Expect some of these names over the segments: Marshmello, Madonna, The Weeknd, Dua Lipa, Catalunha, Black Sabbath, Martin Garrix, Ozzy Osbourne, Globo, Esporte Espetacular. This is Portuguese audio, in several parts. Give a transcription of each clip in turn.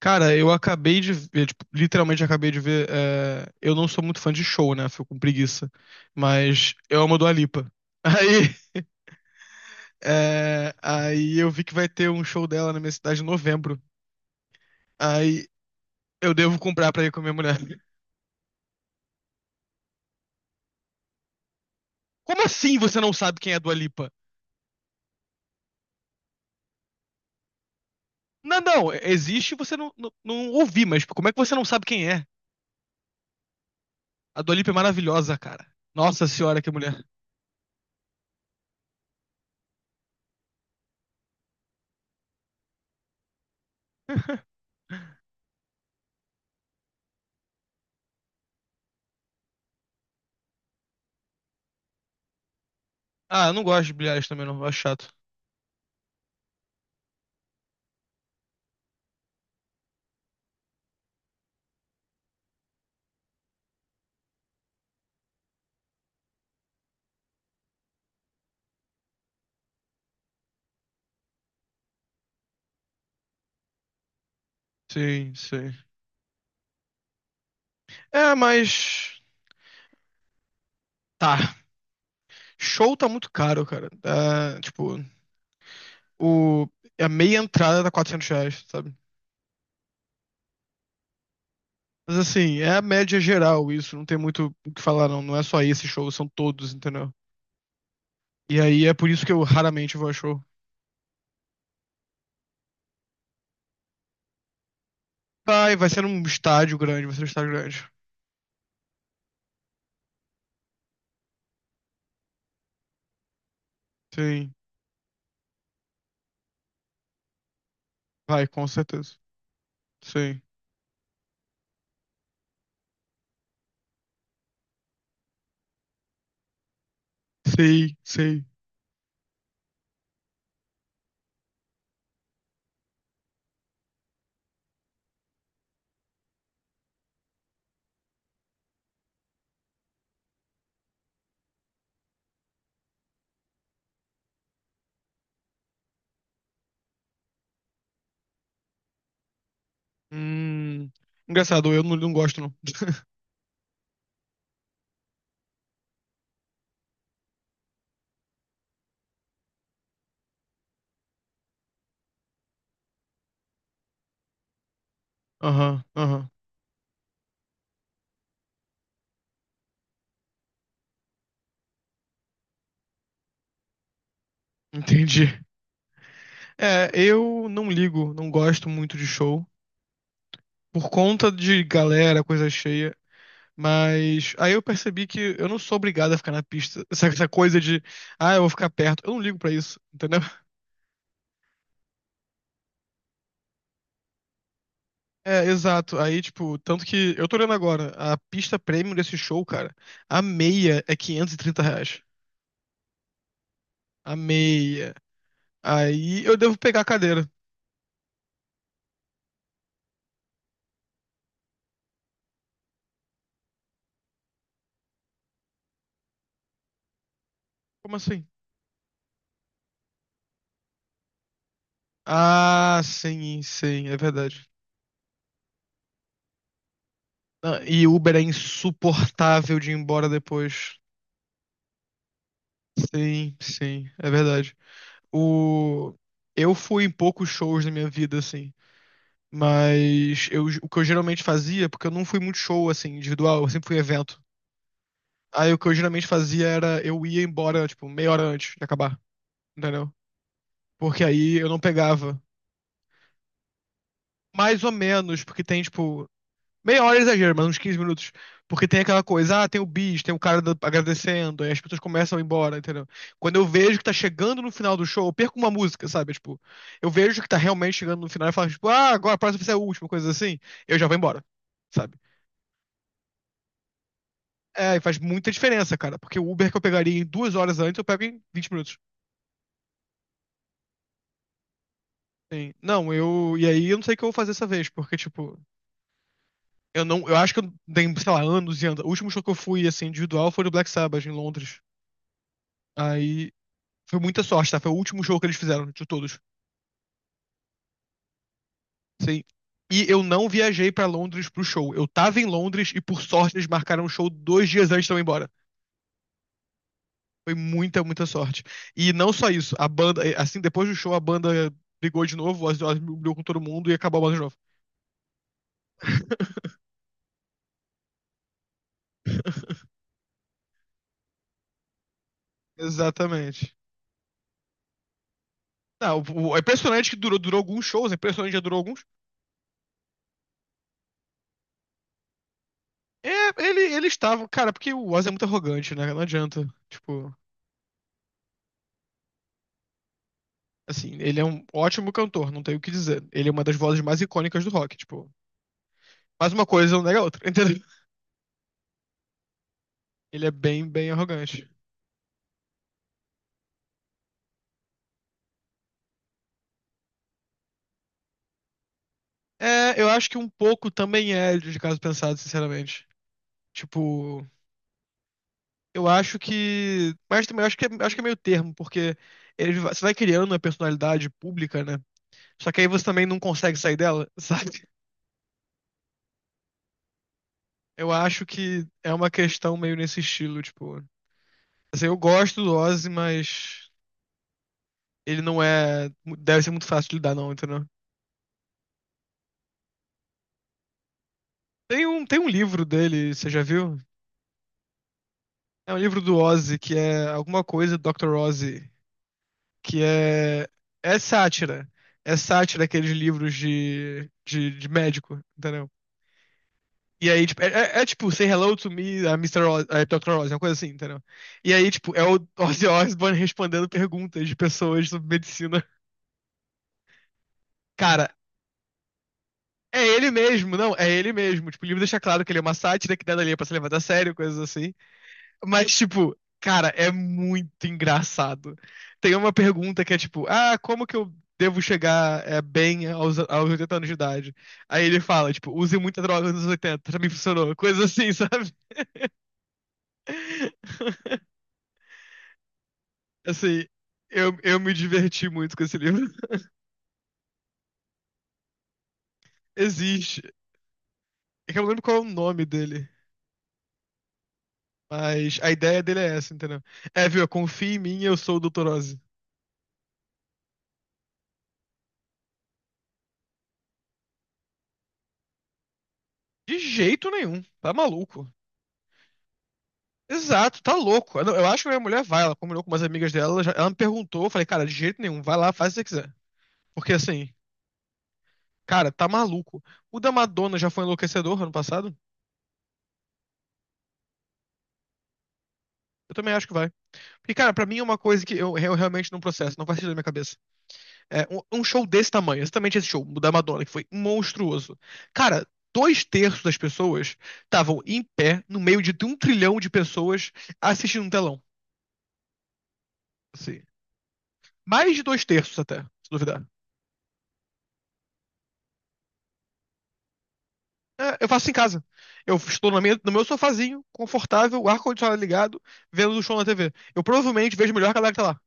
Cara, eu acabei de ver, tipo, literalmente acabei de ver. Eu não sou muito fã de show, né? Fico com preguiça. Mas eu amo a Dua Lipa. Aí, eu vi que vai ter um show dela na minha cidade em novembro. Aí eu devo comprar pra ir com a minha mulher. Como assim você não sabe quem é a Dua Lipa? Não, não, existe e você não ouvi, mas tipo, como é que você não sabe quem é? A Dua Lipa é maravilhosa, cara. Nossa senhora, que mulher. Ah, eu não gosto de bilhares também, não. Eu acho chato. Sim, sim. É, mas. Tá. Show tá muito caro, cara. Tá, tipo, o, é a meia entrada tá R$ 400, sabe? Mas assim, é a média geral isso. Não tem muito o que falar, não. Não é só esse show, são todos, entendeu? E aí é por isso que eu raramente vou a show. Vai, vai ser num estádio grande, vai ser um estádio grande. Sim, vai, com certeza. Sim, sei, sei. Hum. Engraçado, eu não, não gosto, não. Aham, aham. Entendi. É, eu não ligo, não gosto muito de show. Por conta de galera, coisa cheia. Mas aí eu percebi que eu não sou obrigado a ficar na pista. Essa coisa de, ah, eu vou ficar perto. Eu não ligo pra isso, entendeu? É, exato. Aí, tipo, tanto que eu tô olhando agora, a pista premium desse show, cara, a meia é R$ 530. A meia. Aí eu devo pegar a cadeira. Como assim? Ah, sim, sim, é verdade. Ah, e Uber é insuportável de ir embora depois. Sim, sim, é verdade. O... Eu fui em poucos shows na minha vida, assim. Mas eu, o que eu geralmente fazia, porque eu não fui muito show, assim, individual, eu sempre fui em evento. Aí o que eu geralmente fazia era eu ia embora, tipo, meia hora antes de acabar, entendeu? Porque aí eu não pegava. Mais ou menos, porque tem, tipo, meia hora é exagero, mas uns 15 minutos. Porque tem aquela coisa, ah, tem o bis, tem o cara agradecendo, aí as pessoas começam a ir embora, entendeu? Quando eu vejo que tá chegando no final do show, eu perco uma música, sabe? Tipo, eu vejo que tá realmente chegando no final e falo, tipo, ah, agora a próxima vai ser a última, coisa assim, eu já vou embora, sabe? É, e faz muita diferença, cara. Porque o Uber que eu pegaria em 2 horas antes, eu pego em 20 minutos. Sim. Não, eu. E aí eu não sei o que eu vou fazer essa vez, porque, tipo, eu não. Eu acho que eu dei, sei lá, anos e anos. O último show que eu fui, assim, individual foi no Black Sabbath, em Londres. Aí. Foi muita sorte, tá? Foi o último show que eles fizeram, de todos. Sim. E eu não viajei pra Londres pro show. Eu tava em Londres e, por sorte, eles marcaram o show 2 dias antes de eu ir embora. Foi muita, muita sorte. E não só isso, a banda, assim, depois do show, a banda brigou de novo, o Ozzy Osbourne brigou com todo mundo e acabou a banda de novo. Exatamente. Não, é impressionante que durou, durou alguns shows, é impressionante que já durou alguns. É, ele estava, cara, porque o Ozzy é muito arrogante, né? Não adianta. Tipo, assim, ele é um ótimo cantor, não tem o que dizer. Ele é uma das vozes mais icônicas do rock, tipo. Mas uma coisa não nega a outra, entendeu? Ele é bem, bem arrogante. É, eu acho que um pouco também é de caso pensado, sinceramente. Tipo, eu acho que. Mas também eu acho que, acho que é meio termo, porque ele, você vai criando uma personalidade pública, né? Só que aí você também não consegue sair dela, sabe? Eu acho que é uma questão meio nesse estilo, tipo. Assim, eu gosto do Ozzy, mas ele não é. Deve ser muito fácil de lidar, não, entendeu? Tem um livro dele, você já viu? É um livro do Ozzy, que é alguma coisa do Dr. Ozzy, que é. É sátira. É sátira aqueles livros de médico, entendeu? E aí, tipo, é tipo, Say Hello to Me, a Mr. Oz, a Dr. Oz, uma coisa assim, entendeu? E aí, tipo, é o Ozzy Osbourne respondendo perguntas de pessoas sobre medicina. Cara, é ele mesmo, não, é ele mesmo. Tipo, o livro deixa claro que ele é uma sátira, que nada ali é pra se levar a sério, coisas assim. Mas, tipo, cara, é muito engraçado. Tem uma pergunta que é tipo, ah, como que eu devo chegar é, bem aos, aos 80 anos de idade? Aí ele fala, tipo, use muita droga nos 80 pra mim funcionou. Coisas assim, sabe? Assim, eu me diverti muito com esse livro. Existe. É que eu não lembro qual é o nome dele. Mas a ideia dele é essa, entendeu? É, viu? Confia em mim, eu sou o Dr. Oz. De jeito nenhum. Tá maluco. Exato, tá louco. Eu, não- eu acho que a minha mulher vai, ela combinou com umas amigas dela, ela me perguntou, eu falei, cara, de jeito nenhum, vai lá, faz o que você quiser. Porque assim, cara, tá maluco. O da Madonna já foi enlouquecedor ano passado? Eu também acho que vai. Porque, cara, pra mim é uma coisa que eu realmente não processo, não faz sentido na minha cabeça. É, um show desse tamanho, exatamente esse show da Madonna, que foi monstruoso. Cara, dois terços das pessoas estavam em pé, no meio de um trilhão de pessoas, assistindo um telão. Assim, mais de dois terços até, se duvidar. É, eu faço isso em casa. Eu estou na minha- no meu sofazinho, confortável, o ar-condicionado ligado, vendo o show na TV. Eu provavelmente vejo melhor que a galera que tá lá.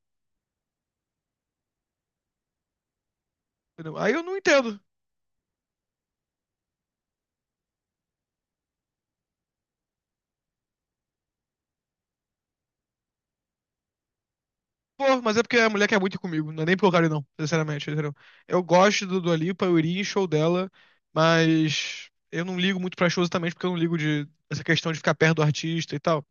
Entendeu? Aí eu não entendo. Pô, mas é porque a mulher quer muito ir comigo, não é nem pelo cara, não, sinceramente, entendeu? Eu gosto do Dua Lipa, eu iria em show dela, mas eu não ligo muito pra show exatamente porque eu não ligo de essa questão de ficar perto do artista e tal.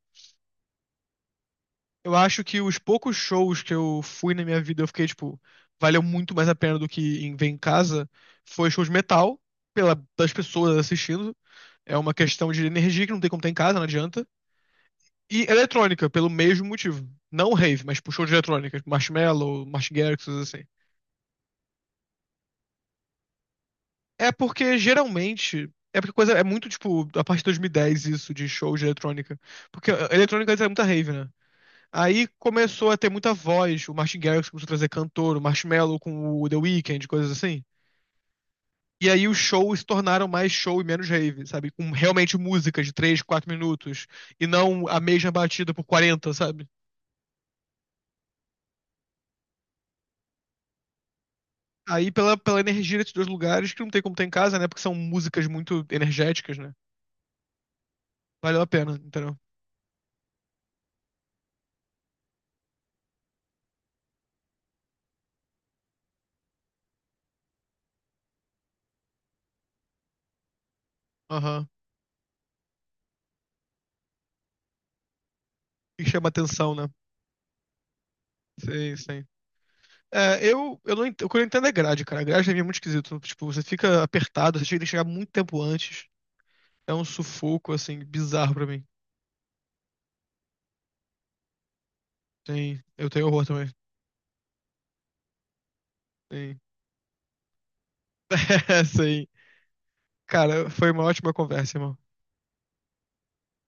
Eu acho que os poucos shows que eu fui na minha vida, eu fiquei, tipo, valeu muito mais a pena do que em ver em casa, foi show de metal, pela, das pessoas assistindo. É uma questão de energia que não tem como ter em casa, não adianta. E eletrônica, pelo mesmo motivo. Não rave, mas tipo, show de eletrônica, tipo, Marshmello, Martin Garrix, coisas assim. É porque geralmente. É porque coisa é muito tipo a partir de 2010 isso de show de eletrônica. Porque a eletrônica antes era muita rave, né? Aí começou a ter muita voz, o Martin Garrix começou a trazer cantor, o Marshmello com o The Weeknd, coisas assim. E aí os shows se tornaram mais show e menos rave, sabe? Com realmente músicas de 3 4 minutos e não a mesma batida por quarenta, sabe? Aí pela, pela energia desses dois lugares que não tem como ter em casa, né? Porque são músicas muito energéticas, né? Valeu a pena, entendeu? Aham. E chama atenção, né? Sim, sim. É, eu não entendo. O que eu não entendo é grade, cara. A grade pra mim é muito esquisito, né? Tipo, você fica apertado, você chega- tem que chegar muito tempo antes. É um sufoco, assim, bizarro pra mim. Sim, eu tenho horror também. Sim. Sim. Cara, foi uma ótima conversa, irmão.